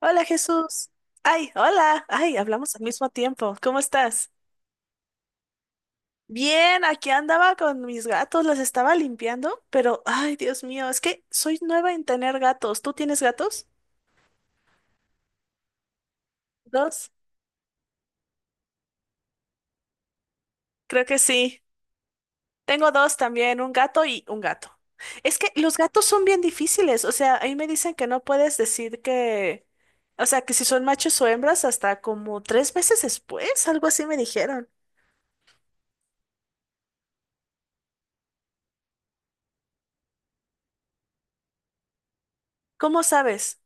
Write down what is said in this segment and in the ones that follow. Hola Jesús. Ay, hola. Ay, hablamos al mismo tiempo. ¿Cómo estás? Bien, aquí andaba con mis gatos, los estaba limpiando, pero ay, Dios mío, es que soy nueva en tener gatos. ¿Tú tienes gatos? ¿Dos? Creo que sí. Tengo dos también, un gato y un gato. Es que los gatos son bien difíciles, o sea, ahí me dicen que no puedes decir que, o sea, que si son machos o hembras hasta como 3 meses después, algo así me dijeron. ¿Cómo sabes?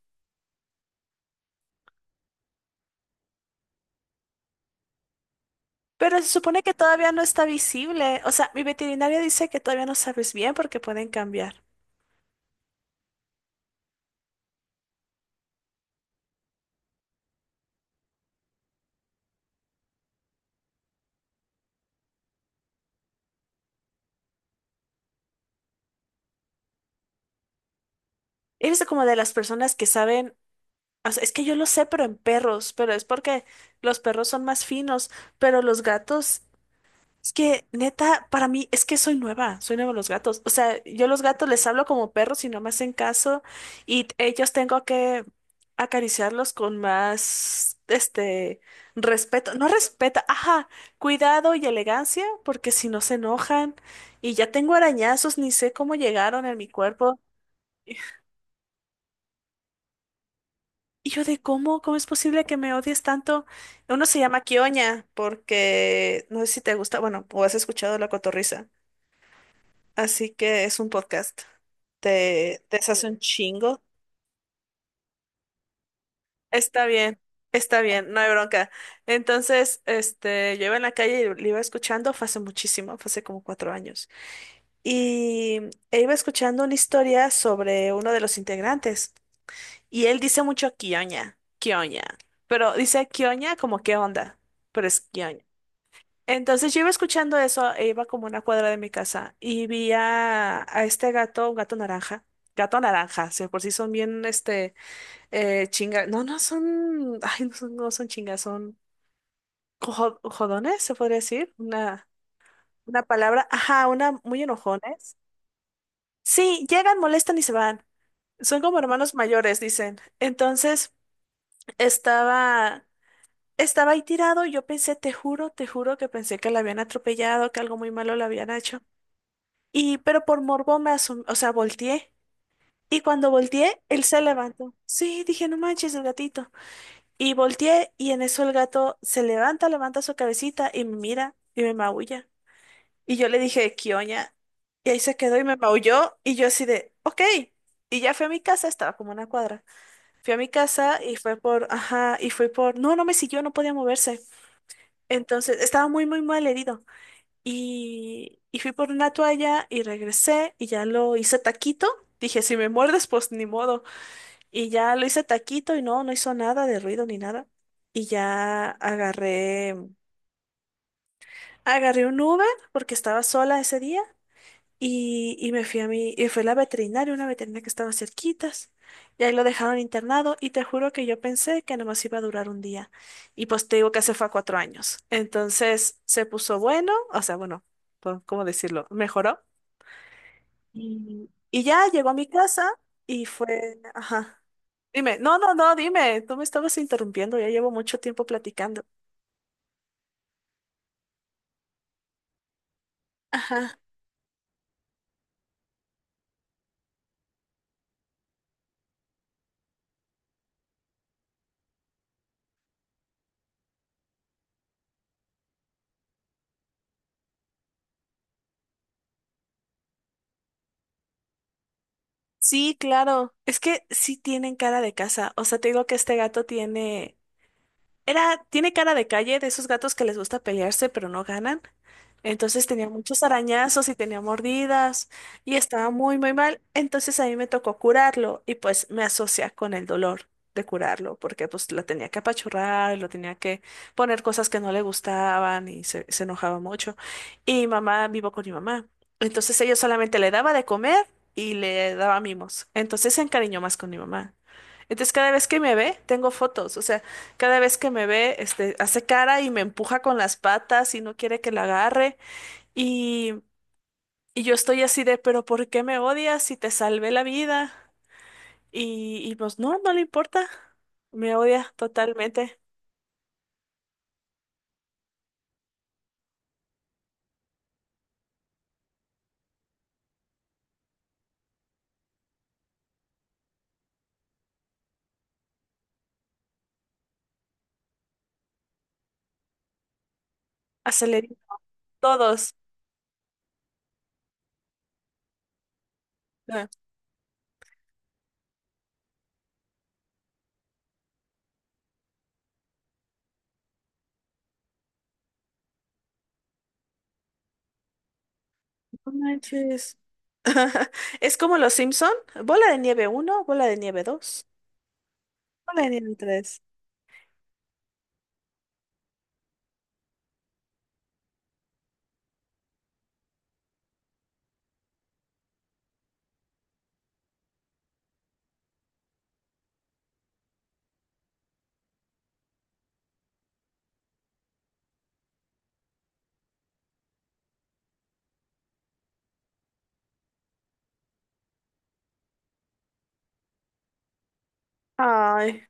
Pero se supone que todavía no está visible. O sea, mi veterinaria dice que todavía no sabes bien porque pueden cambiar. Eres como de las personas que saben, o sea, es que yo lo sé, pero en perros, pero es porque los perros son más finos, pero los gatos... Es que, neta, para mí, es que soy nueva a los gatos. O sea, yo a los gatos les hablo como perros y no me hacen caso y ellos tengo que acariciarlos con más, respeto. No respeto, ajá, cuidado y elegancia, porque si no se enojan y ya tengo arañazos, ni sé cómo llegaron en mi cuerpo. Y yo de cómo es posible que me odies tanto. Uno se llama Kioña porque no sé si te gusta, bueno, o has escuchado la cotorrisa. Así que es un podcast. Te deshace un chingo. Está bien, está bien, no hay bronca. Entonces, yo iba en la calle y lo iba escuchando, fue hace muchísimo, fue hace como 4 años. Y E iba escuchando una historia sobre uno de los integrantes. Y él dice mucho Kioña, Kioña. Pero dice Kioña como qué onda, pero es... Entonces yo iba escuchando eso, e iba como una cuadra de mi casa y vi a este gato, un gato naranja, si por sí son bien, chinga, no, no son, ay, no son, no son chingas, son jodones, se podría decir, una palabra, ajá, una, muy enojones. Sí, llegan, molestan y se van. Son como hermanos mayores, dicen. Entonces estaba, estaba ahí tirado, yo pensé, te juro que pensé que la habían atropellado, que algo muy malo le habían hecho. Y, pero por morbo o sea, volteé. Y cuando volteé, él se levantó. Sí, dije, no manches, el gatito. Y volteé y en eso el gato se levanta, levanta su cabecita y me mira y me maulla. Y yo le dije, Kioña. Y ahí se quedó y me maulló y yo así de, ok. Y ya fui a mi casa, estaba como una cuadra. Fui a mi casa y fue por, ajá, y fue por, no, no me siguió, no podía moverse. Entonces, estaba muy, muy mal herido. Y fui por una toalla y regresé y ya lo hice taquito. Dije, si me muerdes, pues ni modo. Y ya lo hice taquito y no, no hizo nada de ruido ni nada. Y ya agarré un Uber porque estaba sola ese día y me fui a mi, y fue la veterinaria, una veterinaria que estaba cerquitas. Y ahí lo dejaron internado y te juro que yo pensé que nomás iba a durar un día. Y pues te digo que hace fue a 4 años. Entonces se puso bueno, o sea, bueno, pues, ¿cómo decirlo? Mejoró. Y ya llegó a mi casa y fue, ajá. Dime, no, no, no, dime, tú me estabas interrumpiendo, ya llevo mucho tiempo platicando. Ajá. Sí, claro, es que sí tienen cara de casa, o sea, te digo que este gato tiene, era, tiene cara de calle, de esos gatos que les gusta pelearse pero no ganan. Entonces tenía muchos arañazos y tenía mordidas y estaba muy, muy mal. Entonces a mí me tocó curarlo y pues me asocia con el dolor de curarlo porque pues lo tenía que apachurrar, lo tenía que poner cosas que no le gustaban y se enojaba mucho. Y mi mamá, vivo con mi mamá. Entonces ella solamente le daba de comer y le daba mimos. Entonces se encariñó más con mi mamá. Entonces cada vez que me ve, tengo fotos, o sea, cada vez que me ve, hace cara y me empuja con las patas y no quiere que la agarre. Y, y yo estoy así de, pero ¿por qué me odias si te salvé la vida? Y pues no, no le importa. Me odia totalmente. Aceleré todos. Ah, no manches. Es como los Simpson. Bola de nieve uno, bola de nieve dos, bola de nieve tres. Ay,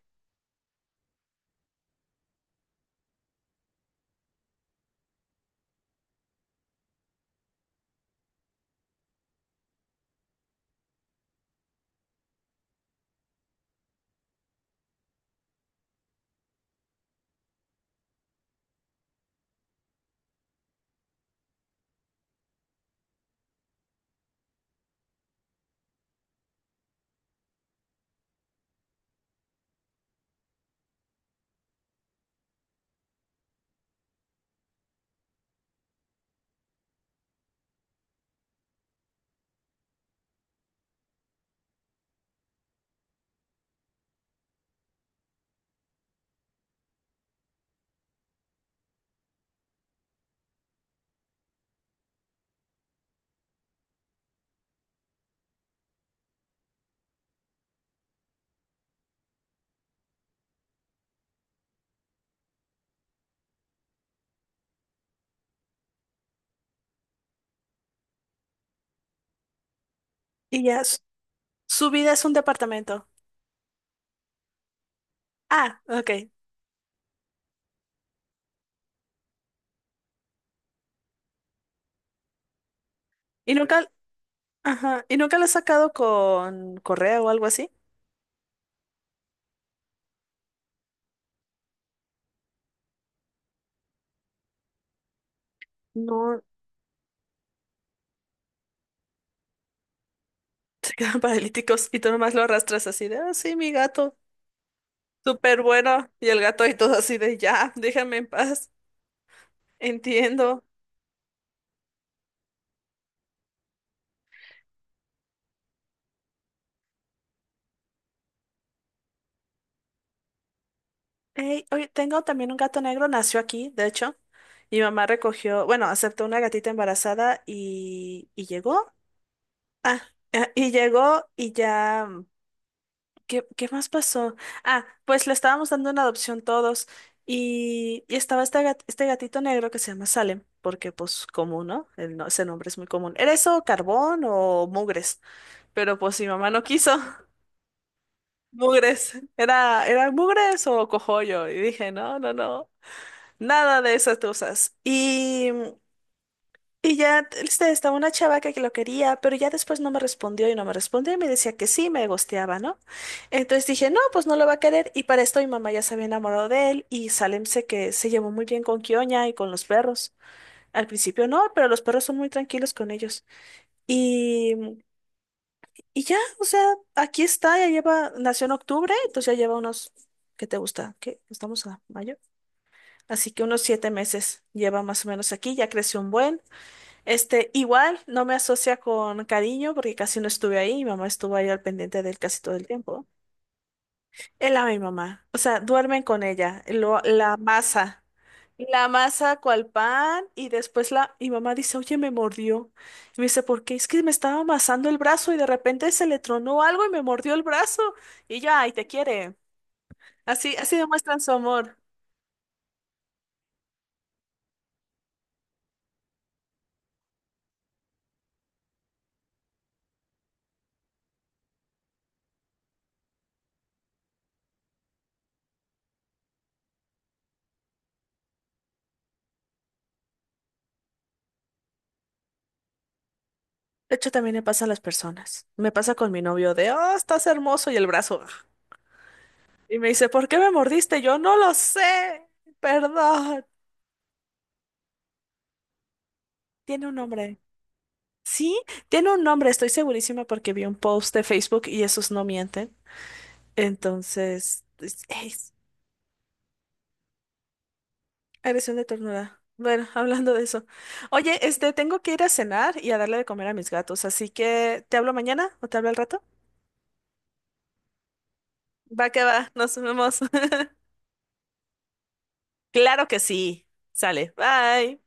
y ya su vida es un departamento. Ah, ok. Y nunca, ajá, y nunca lo has sacado con correo o algo así. No. Se quedan paralíticos y tú nomás lo arrastras así de, ah, sí, mi gato, súper bueno. Y el gato y todo así de, ya, déjame en paz, entiendo. Ey, oye, tengo también un gato negro, nació aquí, de hecho. Mi mamá recogió, bueno, aceptó una gatita embarazada y llegó. Ah, ah, y llegó y ya. ¿Qué más pasó? Ah, pues le estábamos dando una adopción todos y estaba este gatito negro que se llama Salem, porque pues común, ¿no? El no- Ese nombre es muy común. ¿Era eso carbón o mugres? Pero pues mi mamá no quiso. Mugres. Era mugres o cogollo. Y dije, no, no, no. Nada de esas cosas. Y ya estaba una chava que lo quería, pero ya después no me respondió y no me respondió y me decía que sí, me gosteaba, ¿no? Entonces dije, no, pues no lo va a querer. Y para esto mi mamá ya se había enamorado de él y Salem sé que se llevó muy bien con Kioña y con los perros. Al principio no, pero los perros son muy tranquilos con ellos. Y, y ya, o sea, aquí está, ya lleva, nació en octubre, entonces ya lleva unos, ¿qué te gusta? ¿Qué? Estamos a mayo. Así que unos 7 meses lleva más o menos aquí, ya creció un buen. Igual no me asocia con cariño porque casi no estuve ahí. Mi mamá estuvo ahí al pendiente de él casi todo el tiempo. Él ama a mi mamá. O sea, duermen con ella. La masa. La masa cual pan y después la mi mamá dice, oye, me mordió. Y me dice, ¿por qué? Es que me estaba amasando el brazo y de repente se le tronó algo y me mordió el brazo. Y ya, ay, te quiere. Así, así demuestran su amor. De hecho, también me pasa a las personas. Me pasa con mi novio de, oh, estás hermoso y el brazo. Y me dice, ¿por qué me mordiste? Yo no lo sé. Perdón. Tiene un nombre. Sí, tiene un nombre, estoy segurísima porque vi un post de Facebook y esos no mienten. Entonces, es agresión de ternura. Bueno, hablando de eso. Oye, tengo que ir a cenar y a darle de comer a mis gatos, así que ¿te hablo mañana o te hablo al rato? Va que va, nos vemos. Claro que sí. Sale, bye.